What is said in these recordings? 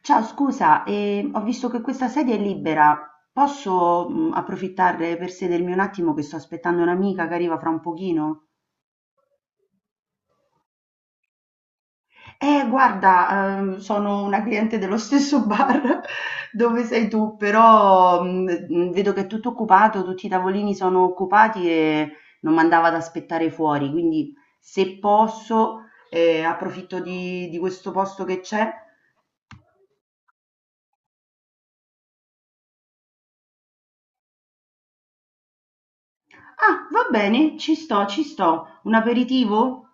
Ciao, scusa, ho visto che questa sedia è libera. Posso, approfittare per sedermi un attimo che sto aspettando un'amica che arriva fra un pochino? Guarda, sono una cliente dello stesso bar dove sei tu, però vedo che è tutto occupato, tutti i tavolini sono occupati e non mandava ad aspettare fuori, quindi se posso, approfitto di questo posto che c'è. Ah, va bene, ci sto, ci sto. Un aperitivo?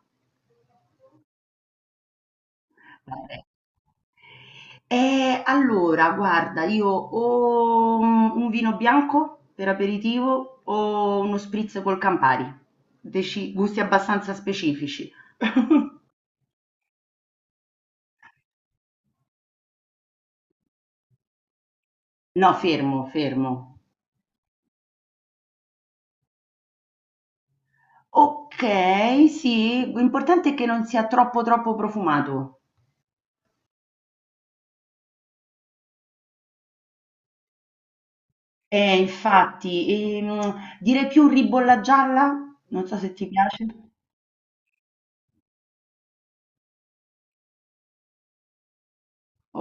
Allora guarda io o un vino bianco per aperitivo o uno spritz col Campari. Deci gusti abbastanza specifici. No, fermo, fermo. Ok, sì, l'importante è che non sia troppo profumato. Infatti, direi più ribolla gialla? Non so se ti piace.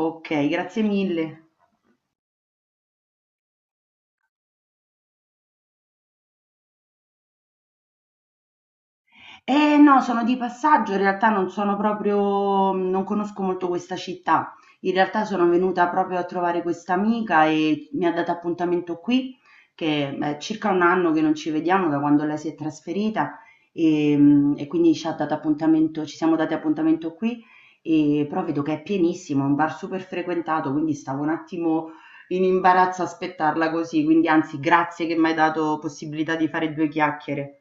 Ok, grazie mille. Eh no, sono di passaggio, in realtà non sono proprio, non conosco molto questa città. In realtà sono venuta proprio a trovare questa amica e mi ha dato appuntamento qui, che è circa un anno che non ci vediamo da quando lei si è trasferita e, e quindi ci ha dato appuntamento, ci siamo dati appuntamento qui e però vedo che è pienissimo, è un bar super frequentato, quindi stavo un attimo in imbarazzo a aspettarla così, quindi anzi grazie che mi hai dato possibilità di fare due chiacchiere.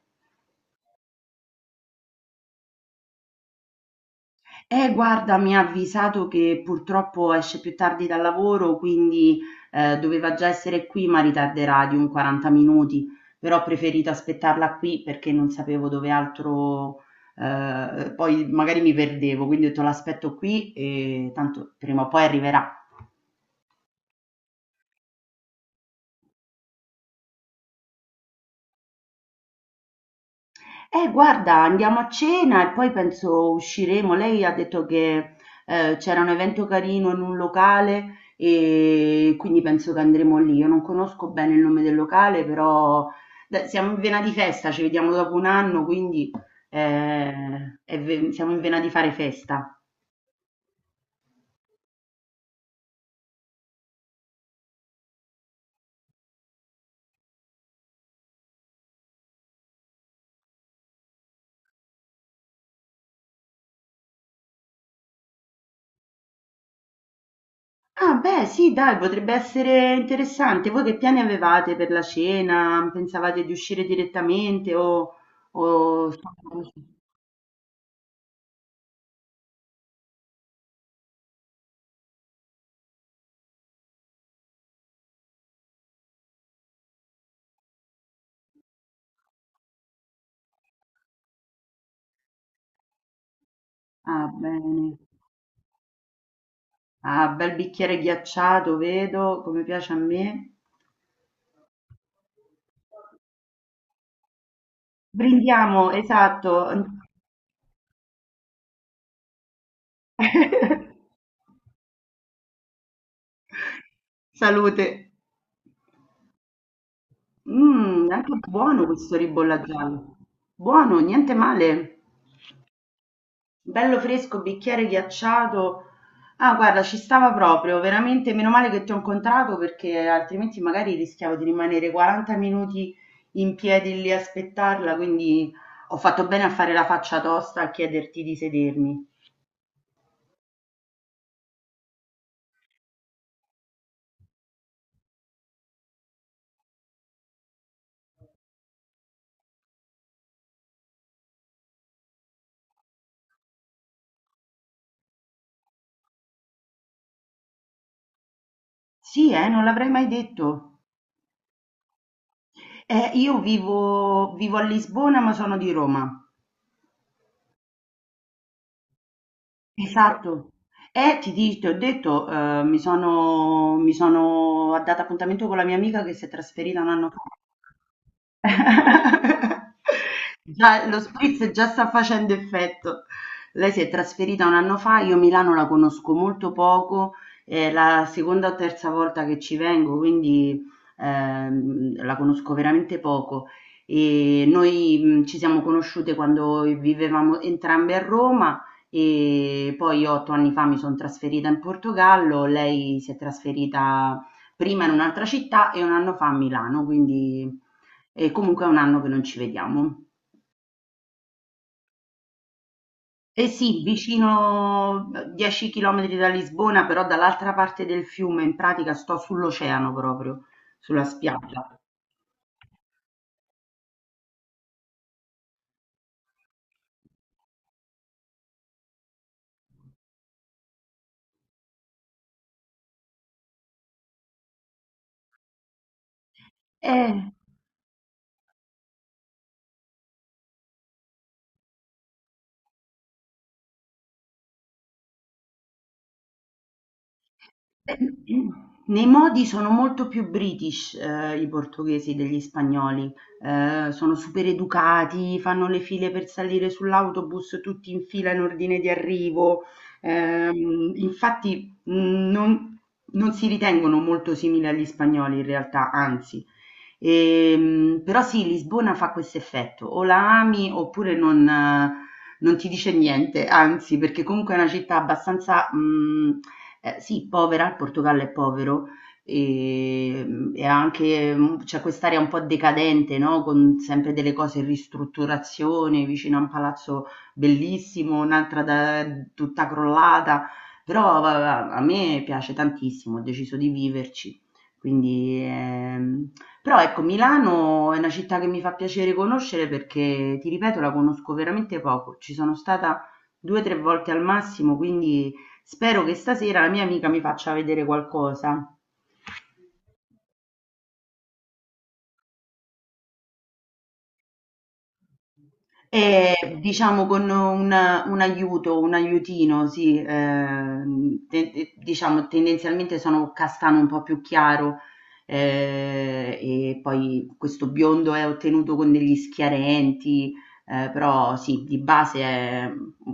Guarda, mi ha avvisato che purtroppo esce più tardi dal lavoro, quindi doveva già essere qui, ma ritarderà di un 40 minuti. Però ho preferito aspettarla qui perché non sapevo dove altro, poi magari mi perdevo, quindi ho detto l'aspetto qui e tanto prima o poi arriverà. Guarda, andiamo a cena e poi penso usciremo. Lei ha detto che c'era un evento carino in un locale e quindi penso che andremo lì. Io non conosco bene il nome del locale, però dai, siamo in vena di festa, ci vediamo dopo un anno, quindi siamo in vena di fare festa. Ah, beh, sì, dai, potrebbe essere interessante. Voi che piani avevate per la cena? Pensavate di uscire direttamente o... Ah, bene. Ah, bel bicchiere ghiacciato, vedo, come piace a me. Brindiamo, esatto. Salute. Mmm, anche buono questo ribolla giallo. Buono, niente male. Bello fresco, bicchiere ghiacciato. Ah, guarda, ci stava proprio, veramente meno male che ti ho incontrato perché altrimenti magari rischiavo di rimanere 40 minuti in piedi lì a aspettarla, quindi ho fatto bene a fare la faccia tosta a chiederti di sedermi. Sì, non l'avrei mai detto. Io vivo a Lisbona, ma sono di Roma. Esatto. Ti ho detto, mi sono data appuntamento con la mia amica che si è trasferita un anno fa. Già, lo spritz già sta facendo effetto. Lei si è trasferita un anno fa, io Milano la conosco molto poco, è la seconda o terza volta che ci vengo, quindi la conosco veramente poco. E noi ci siamo conosciute quando vivevamo entrambe a Roma e poi io otto anni fa mi son trasferita in Portogallo, lei si è trasferita prima in un'altra città e un anno fa a Milano, quindi e comunque è un anno che non ci vediamo. Eh sì, vicino 10 chilometri da Lisbona, però dall'altra parte del fiume, in pratica sto sull'oceano proprio, sulla spiaggia. Eh. Nei modi sono molto più british, i portoghesi degli spagnoli, sono super educati, fanno le file per salire sull'autobus tutti in fila in ordine di arrivo, infatti, non si ritengono molto simili agli spagnoli in realtà, anzi. Però sì, Lisbona fa questo effetto, o la ami oppure non non ti dice niente, anzi, perché comunque è una città abbastanza, mhmm sì, povera, il Portogallo è povero e, e anche, c'è quest'area un po' decadente, no, con sempre delle cose in ristrutturazione, vicino a un palazzo bellissimo, un'altra da tutta crollata, però va a me piace tantissimo, ho deciso di viverci. Quindi, però ecco Milano è una città che mi fa piacere conoscere perché, ti ripeto, la conosco veramente poco. Ci sono stata 2, 3 volte al massimo, quindi spero che stasera la mia amica mi faccia vedere qualcosa. E diciamo con un aiuto, un aiutino, sì, diciamo tendenzialmente sono castano un po' più chiaro e poi questo biondo è ottenuto con degli schiarenti, però sì, di base è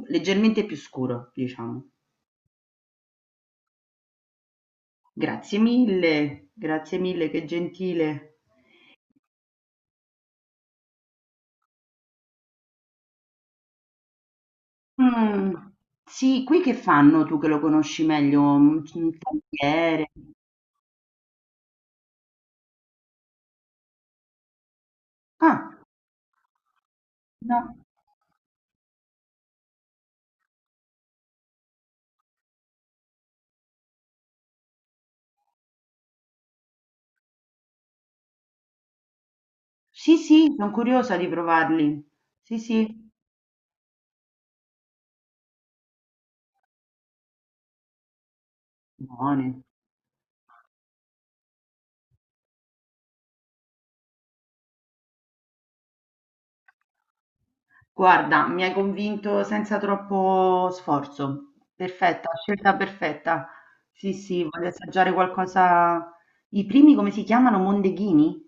leggermente più scuro, diciamo. Grazie mille, che gentile. Mh, sì, qui che fanno tu che lo conosci meglio? Un tagliere? Ah, no. Sì, sì, son curiosa di provarli. Sì, sì, buoni. Guarda, mi hai convinto senza troppo sforzo. Perfetta, scelta perfetta. Sì, sì, voglio assaggiare qualcosa i primi come si chiamano? Mondeghini?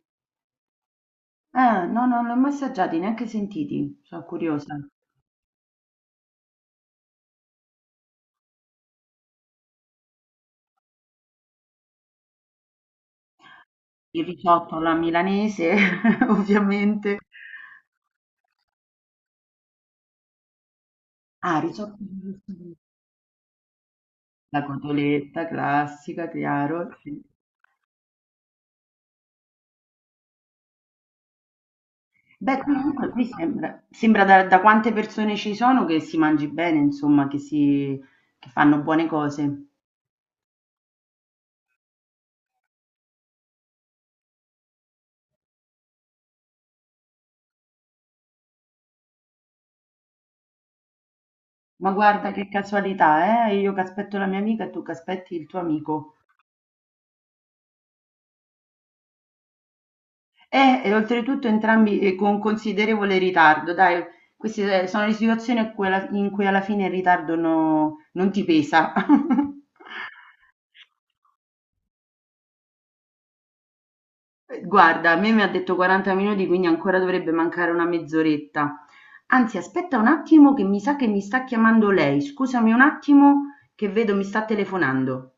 No, no, non li ho mai assaggiati, neanche sentiti. Sono curiosa. Il risotto alla milanese, ovviamente. Ah, risotto giusto, la cotoletta classica, chiaro, sì. Beh, comunque qui sembra, sembra da, da quante persone ci sono che si mangi bene, insomma, che, si, che fanno buone cose. Ma guarda che casualità, eh? Io che aspetto la mia amica e tu che aspetti il tuo amico. Oltretutto entrambi con considerevole ritardo, dai, queste sono le situazioni a cui in cui alla fine il ritardo non ti pesa. Guarda, a me mi ha detto 40 minuti, quindi ancora dovrebbe mancare una mezz'oretta. Anzi, aspetta un attimo che mi sa che mi sta chiamando lei. Scusami un attimo che vedo mi sta telefonando.